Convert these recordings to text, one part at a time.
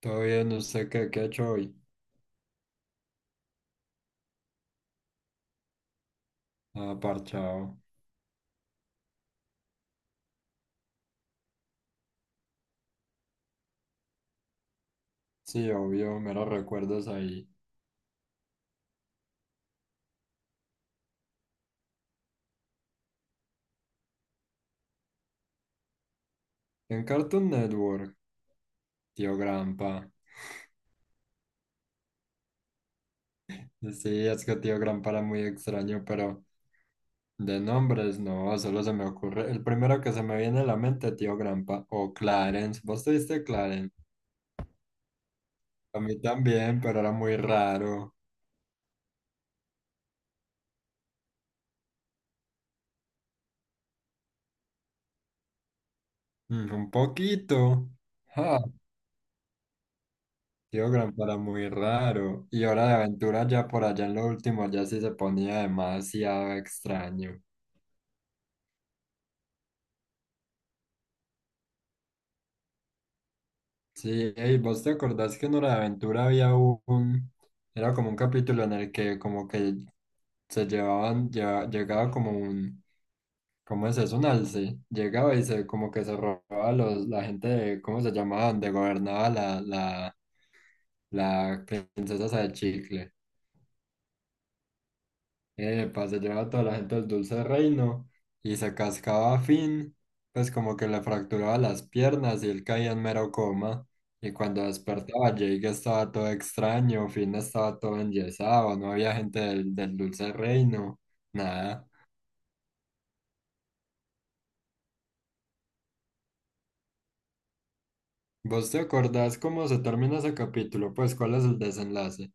Todo bien, ¿usted qué ha hecho hoy? Ah, parchado. Sí, obvio, meros recuerdos ahí. En Cartoon Network, Tío Grampa. Sí, es que Tío Grampa era muy extraño, pero de nombres no, solo se me ocurre. El primero que se me viene a la mente, Tío Grampa. O Clarence, ¿vos tuviste Clarence? A mí también, pero era muy raro. Mm, un poquito. Ah, Tío Grampa era muy raro. Y Hora de Aventura ya por allá en lo último ya sí se ponía demasiado extraño. Sí, ey, ¿vos te acordás que en Hora de Aventura era como un capítulo en el que como que llegaba como un, ¿cómo es eso? Un alce, llegaba y se como que se robaba los, la gente de, ¿cómo se llamaban? De gobernaba la princesa esa de chicle. Epa, se llevaba a toda la gente del Dulce Reino y se cascaba a Finn, pues como que le fracturaba las piernas y él caía en mero coma. Y cuando despertaba, Jake estaba todo extraño, Finn estaba todo enyesado, no había gente del Dulce Reino, nada. ¿Vos te acordás cómo se termina ese capítulo? Pues, ¿cuál es el desenlace?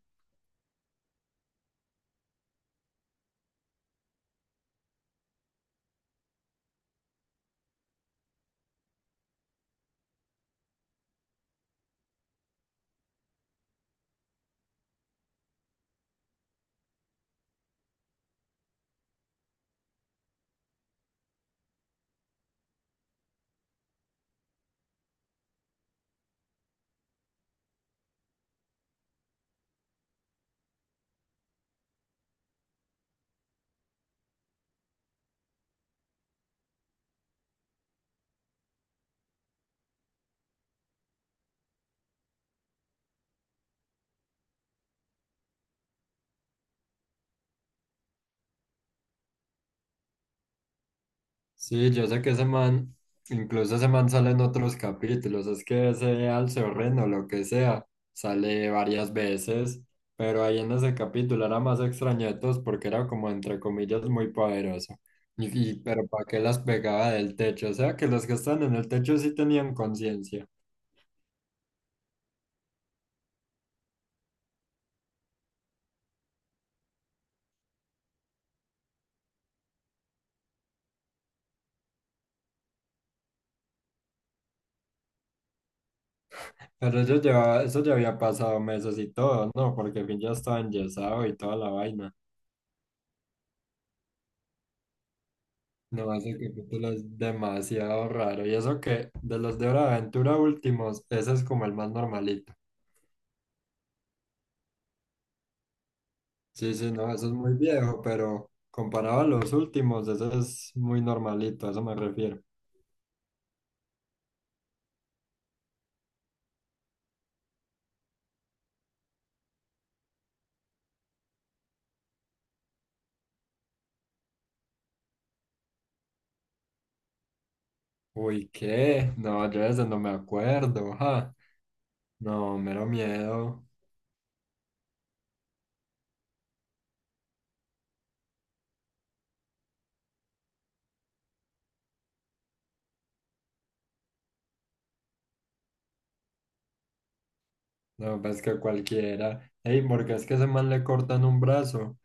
Sí, yo sé que ese man, incluso ese man sale en otros capítulos, es que ese Alceorren o Reno, lo que sea, sale varias veces, pero ahí en ese capítulo era más extraño de todos porque era como entre comillas muy poderoso. Pero ¿para qué las pegaba del techo? O sea que los que están en el techo sí tenían conciencia, pero ellos llevaba, eso ya había pasado meses y todo, ¿no? Porque al fin ya estaba enyesado y toda la vaina. No, ese capítulo es demasiado raro. Y eso que de los de Hora de Aventura últimos, ese es como el más normalito. Sí, no, eso es muy viejo, pero comparado a los últimos, ese es muy normalito, a eso me refiero. Uy, ¿qué? No, yo de ese no me acuerdo, ja. No, mero miedo. No, pues que cualquiera. Ey, ¿porque es que ese man le cortan un brazo?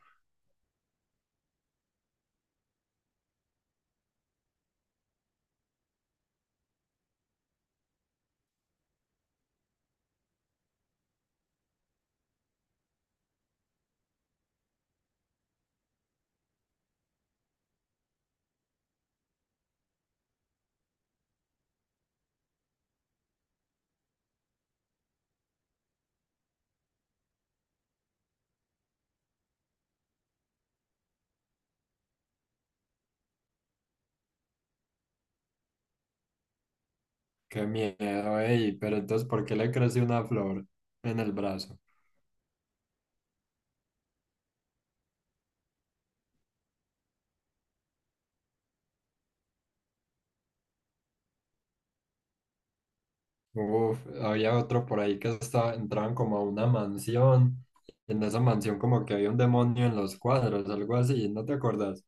Qué miedo, ey. Pero entonces, ¿por qué le creció una flor en el brazo? Uf, había otro por ahí que estaba, entraban como a una mansión. En esa mansión como que había un demonio en los cuadros, algo así, ¿no te acuerdas?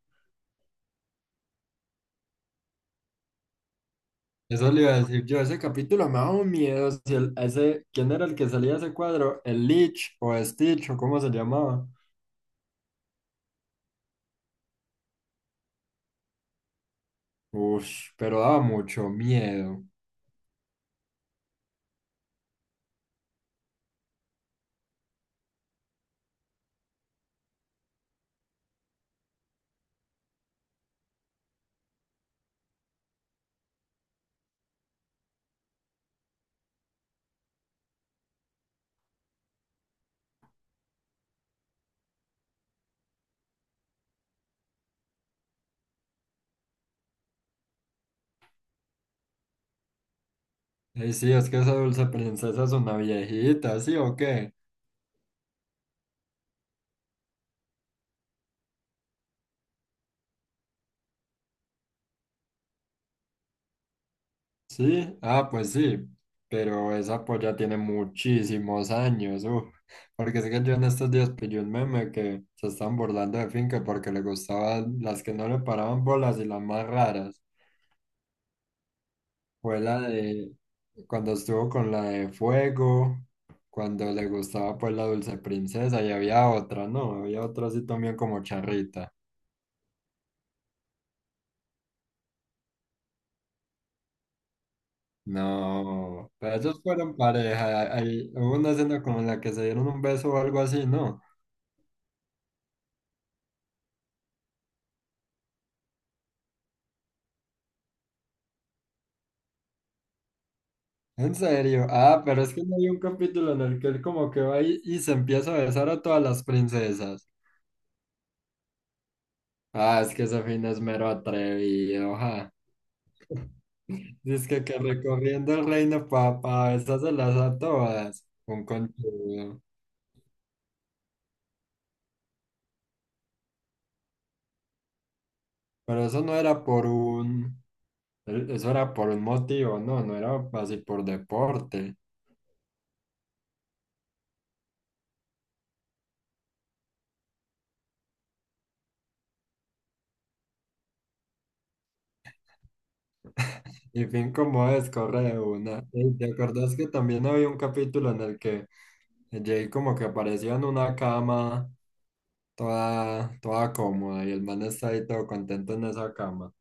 Eso le iba a decir yo, ese capítulo me daba un miedo. Si el- Ese, ¿quién era el que salía de ese cuadro? ¿El Lich o Stitch o cómo se llamaba? Uf, pero daba mucho miedo. Sí, es que esa dulce princesa es una viejita, ¿sí o qué? Sí, ah, pues sí, pero esa polla tiene muchísimos años, uf, porque sé que yo en estos días pillé un meme que se están burlando de Finca porque le gustaban las que no le paraban bolas y las más raras. Fue la de cuando estuvo con la de Fuego, cuando le gustaba pues la Dulce Princesa y había otra, ¿no? Había otra así también como Charrita. No, pero ellos fueron pareja, hay, hubo una escena como en la que se dieron un beso o algo así, ¿no? En serio, ah, pero es que no hay un capítulo en el que él como que va y se empieza a besar a todas las princesas. Ah, es que ese fin es mero atrevido, ja. Dice que recorriendo el reino para besárselas a todas. Un conchudo. Pero eso no era por un, eso era por un motivo, no era así por deporte. Y fin como es, corre de una. Y te acordás que también había un capítulo en el que Jay como que apareció en una cama toda cómoda y el man está ahí todo contento en esa cama.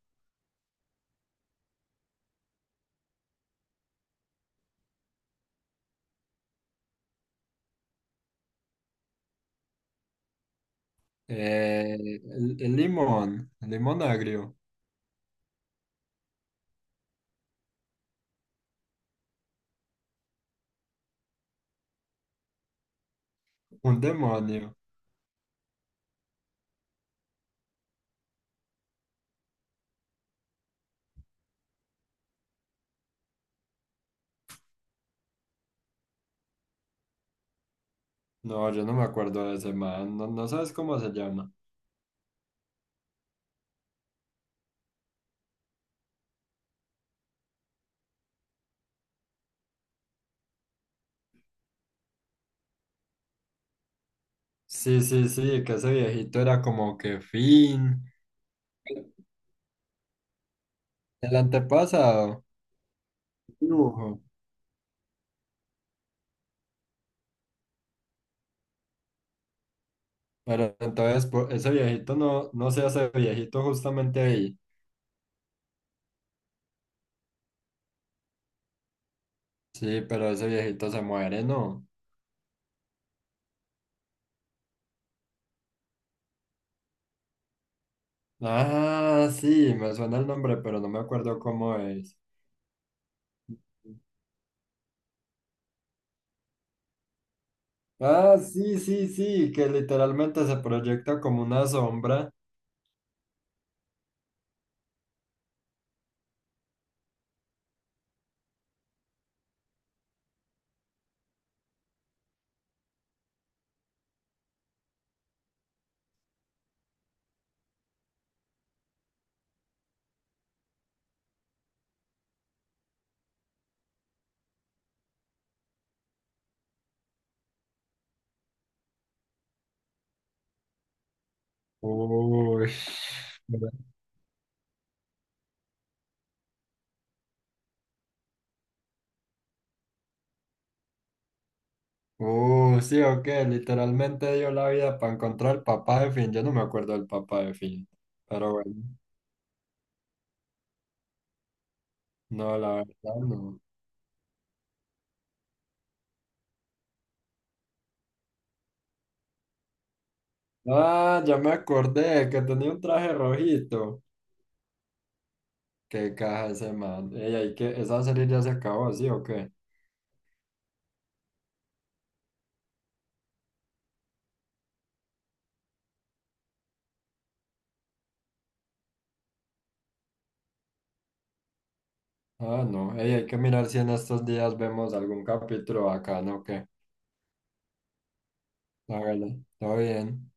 Eh, el limón, el limón agrio, un demonio. No, yo no me acuerdo de ese man, no, no sabes cómo se llama. Sí, sí, sí, que ese viejito era como que fin, el antepasado, dibujo. Ese viejito no, no se hace viejito justamente ahí. Sí, pero ese viejito se muere, ¿no? Ah, sí, me suena el nombre, pero no me acuerdo cómo es. Ah, sí, sí, sí, que literalmente se proyecta como una sombra. Uy. Sí, o qué, literalmente dio la vida para encontrar el papá de Finn. Yo no me acuerdo del papá de Finn, pero bueno, no, la verdad no. Ah, ya me acordé que tenía un traje rojito. Qué caja ese man. Ey, hay que, esa serie ya se acabó, ¿sí o qué? Ah, no. Ey, hay que mirar si en estos días vemos algún capítulo acá, ¿no? ¿Qué? Hágale, todo bien.